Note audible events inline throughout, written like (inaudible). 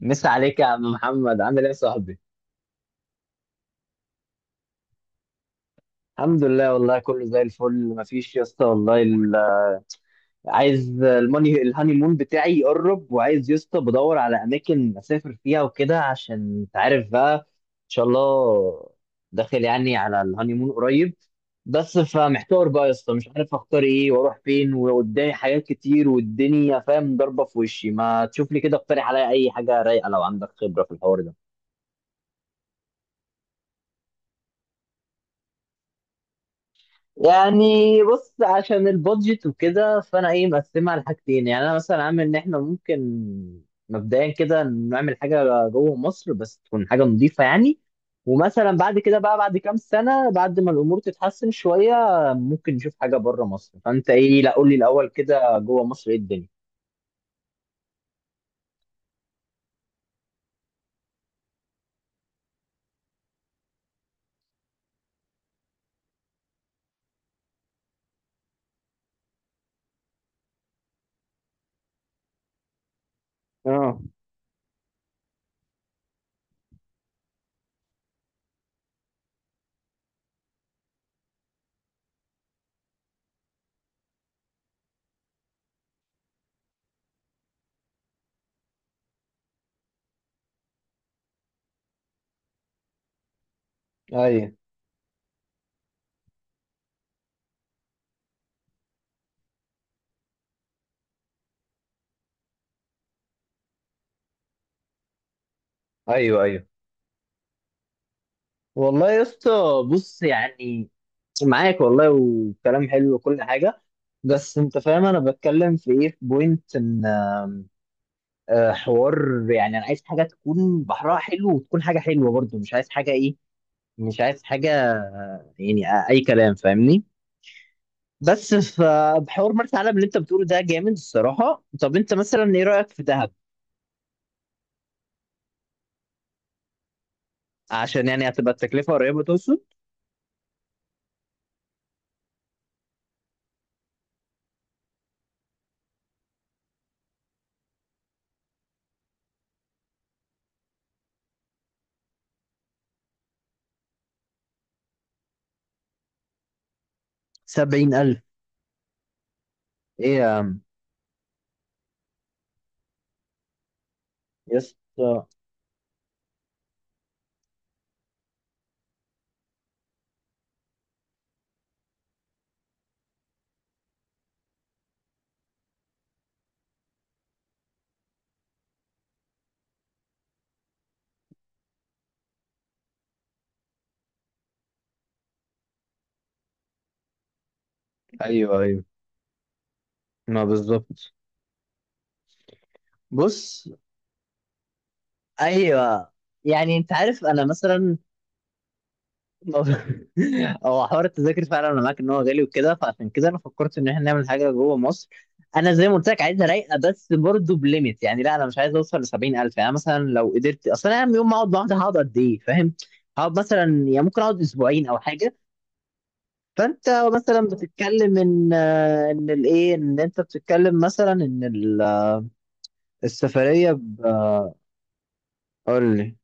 مسا عليك يا عم محمد، عامل ايه يا صاحبي؟ الحمد لله والله، كله زي الفل، مفيش يا اسطى. عايز الماني، الهاني مون بتاعي يقرب، وعايز يا اسطى بدور على اماكن اسافر فيها وكده، عشان انت عارف بقى ان شاء الله داخل يعني على الهاني مون قريب. بس فمحتار بقى يا اسطى، مش عارف اختار ايه واروح فين، وقدامي حاجات كتير والدنيا فاهم ضربه في وشي. ما تشوف لي كده، اقترح عليا اي حاجه رايقه لو عندك خبره في الحوار ده. يعني بص، عشان البادجت وكده فانا ايه مقسمها على حاجتين. يعني انا مثلا عامل ان احنا ممكن مبدئيا كده نعمل حاجه جوه مصر، بس تكون حاجه نظيفه يعني. ومثلا بعد كده بقى، بعد كام سنه بعد ما الامور تتحسن شويه، ممكن نشوف حاجه بره مصر. فانت ايه؟ لا قول لي الاول كده، جوه مصر ايه الدنيا؟ اه، ايوه ايوه، ايوه والله يا اسطى. بص يعني، معاك والله، وكلام حلو وكل حاجه. بس انت فاهم انا بتكلم في ايه، في بوينت ان حوار يعني انا عايز حاجه تكون بحرها حلو، وتكون حاجه حلوه برضو، مش عايز حاجه ايه، مش عايز حاجه يعني اي كلام، فاهمني. بس فبحوار مرسى علم اللي انت بتقوله ده جامد الصراحه. طب انت مثلا ايه رايك في دهب؟ عشان يعني هتبقى التكلفه قريبه، توصل 70,000. ايه يا عم، يا اسطى. ايوه ايوه، ما بالظبط. بص، ايوه، يعني انت عارف انا مثلا، (laughs) هو حوار التذاكر فعلا انا معاك ان هو غالي وكده، فعشان كده انا فكرت ان احنا نعمل حاجه جوه مصر. انا زي ما قلت لك عايزها رايقه، بس برضه بليميت. يعني لا، انا مش عايز اوصل ل 70,000. يعني مثلا لو قدرت اصل، انا يوم ما اقعد لوحدي هقعد قد ايه، فاهم؟ هقعد مثلا يعني ممكن اقعد اسبوعين او حاجه. فانت مثلا بتتكلم ان ان الايه، ان انت بتتكلم مثلا ان السفريه قول لي.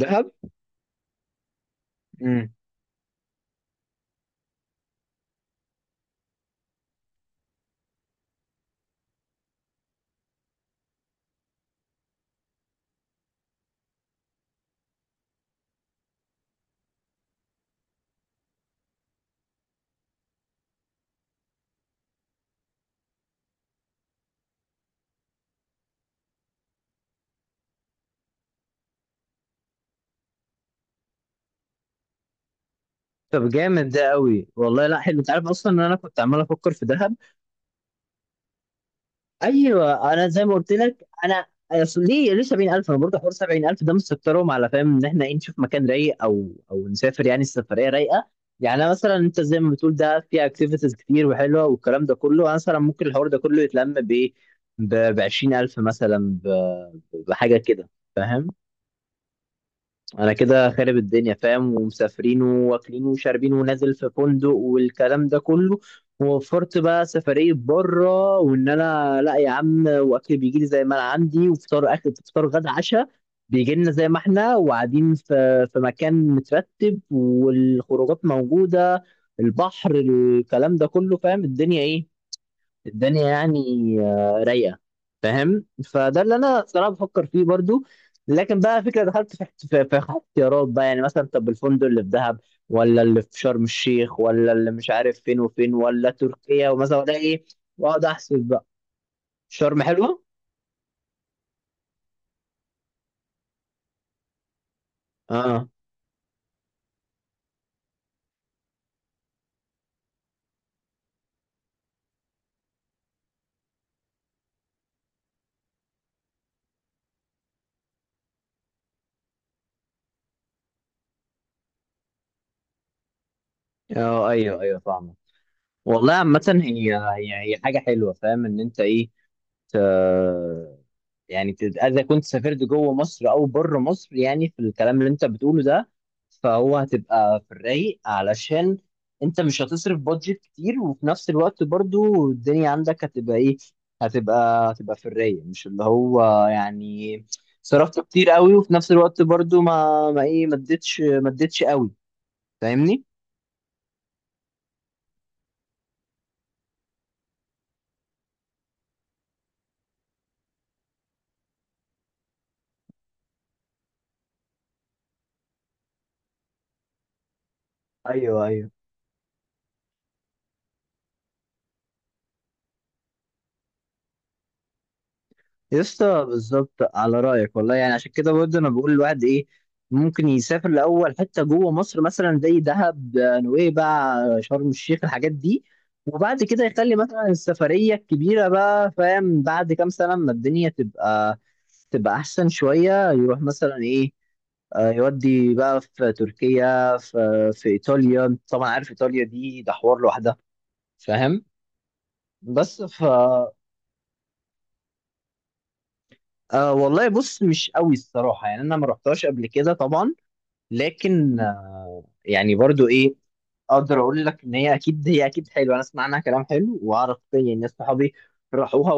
دهب. طب جامد ده قوي والله، لا حلو. انت عارف اصلا ان انا كنت عمال افكر في دهب. ايوه، انا زي ما قلت لك انا أصل، ليه 70,000. انا برضه حوار 70,000 ده مستكترهم، على فاهم ان احنا ايه، نشوف مكان رايق او نسافر، يعني السفريه رايقه. يعني أنا مثلا انت زي ما بتقول ده فيها اكتيفيتيز كتير وحلوه والكلام ده كله، انا مثلا ممكن الحوار ده كله يتلم بايه، ب 20,000 مثلا، ب- بحاجه كده، فاهم؟ انا كده خارب الدنيا فاهم، ومسافرين واكلين وشاربين ونازل في فندق والكلام ده كله، ووفرت بقى سفرية بره. وان انا لا يا عم، واكل بيجي لي زي ما انا عندي، وفطار، اكل فطار غدا عشاء بيجي لنا زي ما احنا، وقاعدين في في مكان مترتب، والخروجات موجودة، البحر، الكلام ده كله، فاهم الدنيا ايه. الدنيا يعني رايقه، فاهم. فده اللي انا صراحه بفكر فيه برضو. لكن بقى فكره دخلت في في اختيارات بقى. يعني مثلا طب الفندق اللي في دهب، ولا اللي في شرم الشيخ، ولا اللي مش عارف فين وفين، ولا تركيا ومثلا، ولا ايه؟ واقعد احسب بقى. شرم حلوه. اه، اه، ايوه ايوه فاهمه. والله عامه، هي هي حاجه حلوه، فاهم ان انت ايه. ت- يعني اذا كنت سافرت جوه مصر او بره مصر، يعني في الكلام اللي انت بتقوله ده، فهو هتبقى في الرايق، علشان انت مش هتصرف بادجت كتير، وفي نفس الوقت برضو الدنيا عندك هتبقى ايه، هتبقى في الرايق، مش اللي هو يعني صرفت كتير قوي، وفي نفس الوقت برضو ما ايه، ما اديتش ما اديتش قوي، فاهمني. ايوه ايوه، يسطا بالظبط على رأيك والله. يعني عشان كده برضه أنا بقول الواحد إيه، ممكن يسافر لأول حتة جوه مصر، مثلا زي دهب، نويبع، شرم الشيخ، الحاجات دي. وبعد كده يخلي مثلا السفرية الكبيرة بقى، فاهم، بعد كام سنة ما الدنيا تبقى، تبقى أحسن شوية، يروح مثلا إيه، يودي بقى في تركيا، في في إيطاليا. طبعا عارف إيطاليا دي، ده حوار لوحدها، فاهم. بس ف والله بص، مش قوي الصراحة، يعني أنا ما رحتهاش قبل كده طبعا. لكن يعني برضو إيه، أقدر أقول لك إن هي أكيد، هي أكيد حلوة، أنا أسمع عنها كلام حلو، وأعرف يعني ناس صحابي راحوها.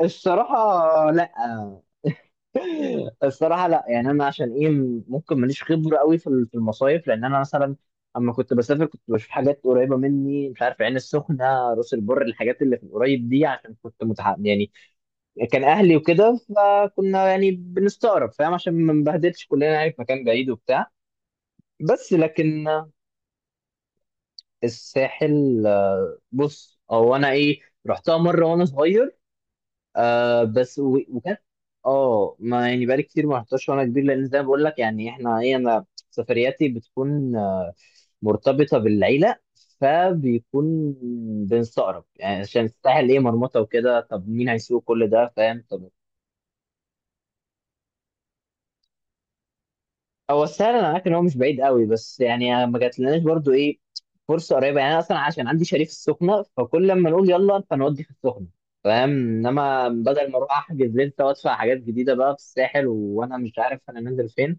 والصراحة لا، الصراحة لا. يعني أنا عشان إيه، ممكن ماليش خبرة قوي في في المصايف، لأن أنا مثلا أما كنت بسافر، كنت بشوف حاجات قريبة مني، مش عارف عين السخنة، راس البر، الحاجات اللي في القريب دي، عشان كنت متحمس يعني، كان اهلي وكده، فكنا يعني بنستقرب فاهم، عشان ما نبهدلش كلنا يعني في مكان بعيد وبتاع. بس لكن الساحل، بص، او انا ايه، رحتها مره وانا صغير، آه بس وكانت، اه. ما يعني بقالي كتير ما رحتهاش وانا كبير، لان زي ما بقول لك يعني احنا ايه، انا سفرياتي بتكون مرتبطه بالعيله، فبيكون بنستقرب يعني، عشان الساحل ايه، مرمطه وكده، طب مين هيسوق كل ده فاهم. طب هو سهل، انا عارف ان هو مش بعيد قوي، بس يعني ما جاتلناش برضو ايه فرصه قريبه. يعني انا اصلا عشان عندي شاليه في السخنه، فكل لما نقول يلا فنودي في السخنه، فاهم. انما بدل ما اروح احجز لسه وادفع حاجات جديده بقى في الساحل، وانا مش عارف انا نازل فين.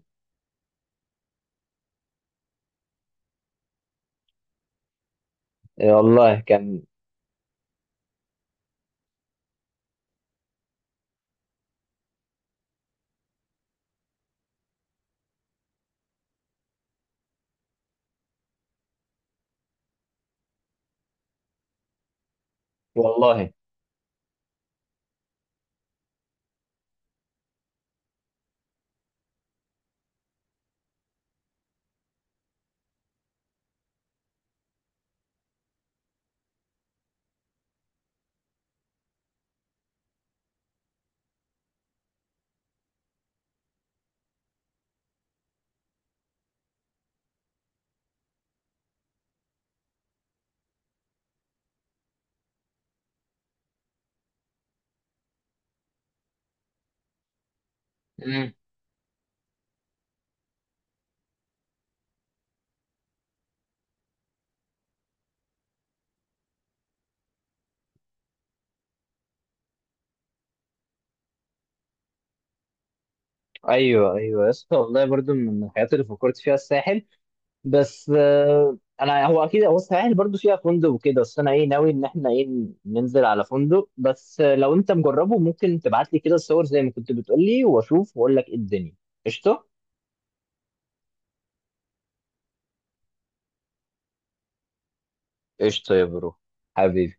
إيه والله، كان والله. امم، ايوه ايوه يا اسطى والله، برضو من الحاجات اللي فكرت فيها الساحل. بس انا هو اكيد، هو السواحل برضو فيها فندق وكده، بس انا ايه ناوي ان احنا ايه، ننزل على فندق بس. لو انت مجربه، ممكن تبعت لي كده الصور زي ما كنت بتقول لي، واشوف واقول لك ايه الدنيا. قشطه، قشطه يا برو، حبيبي.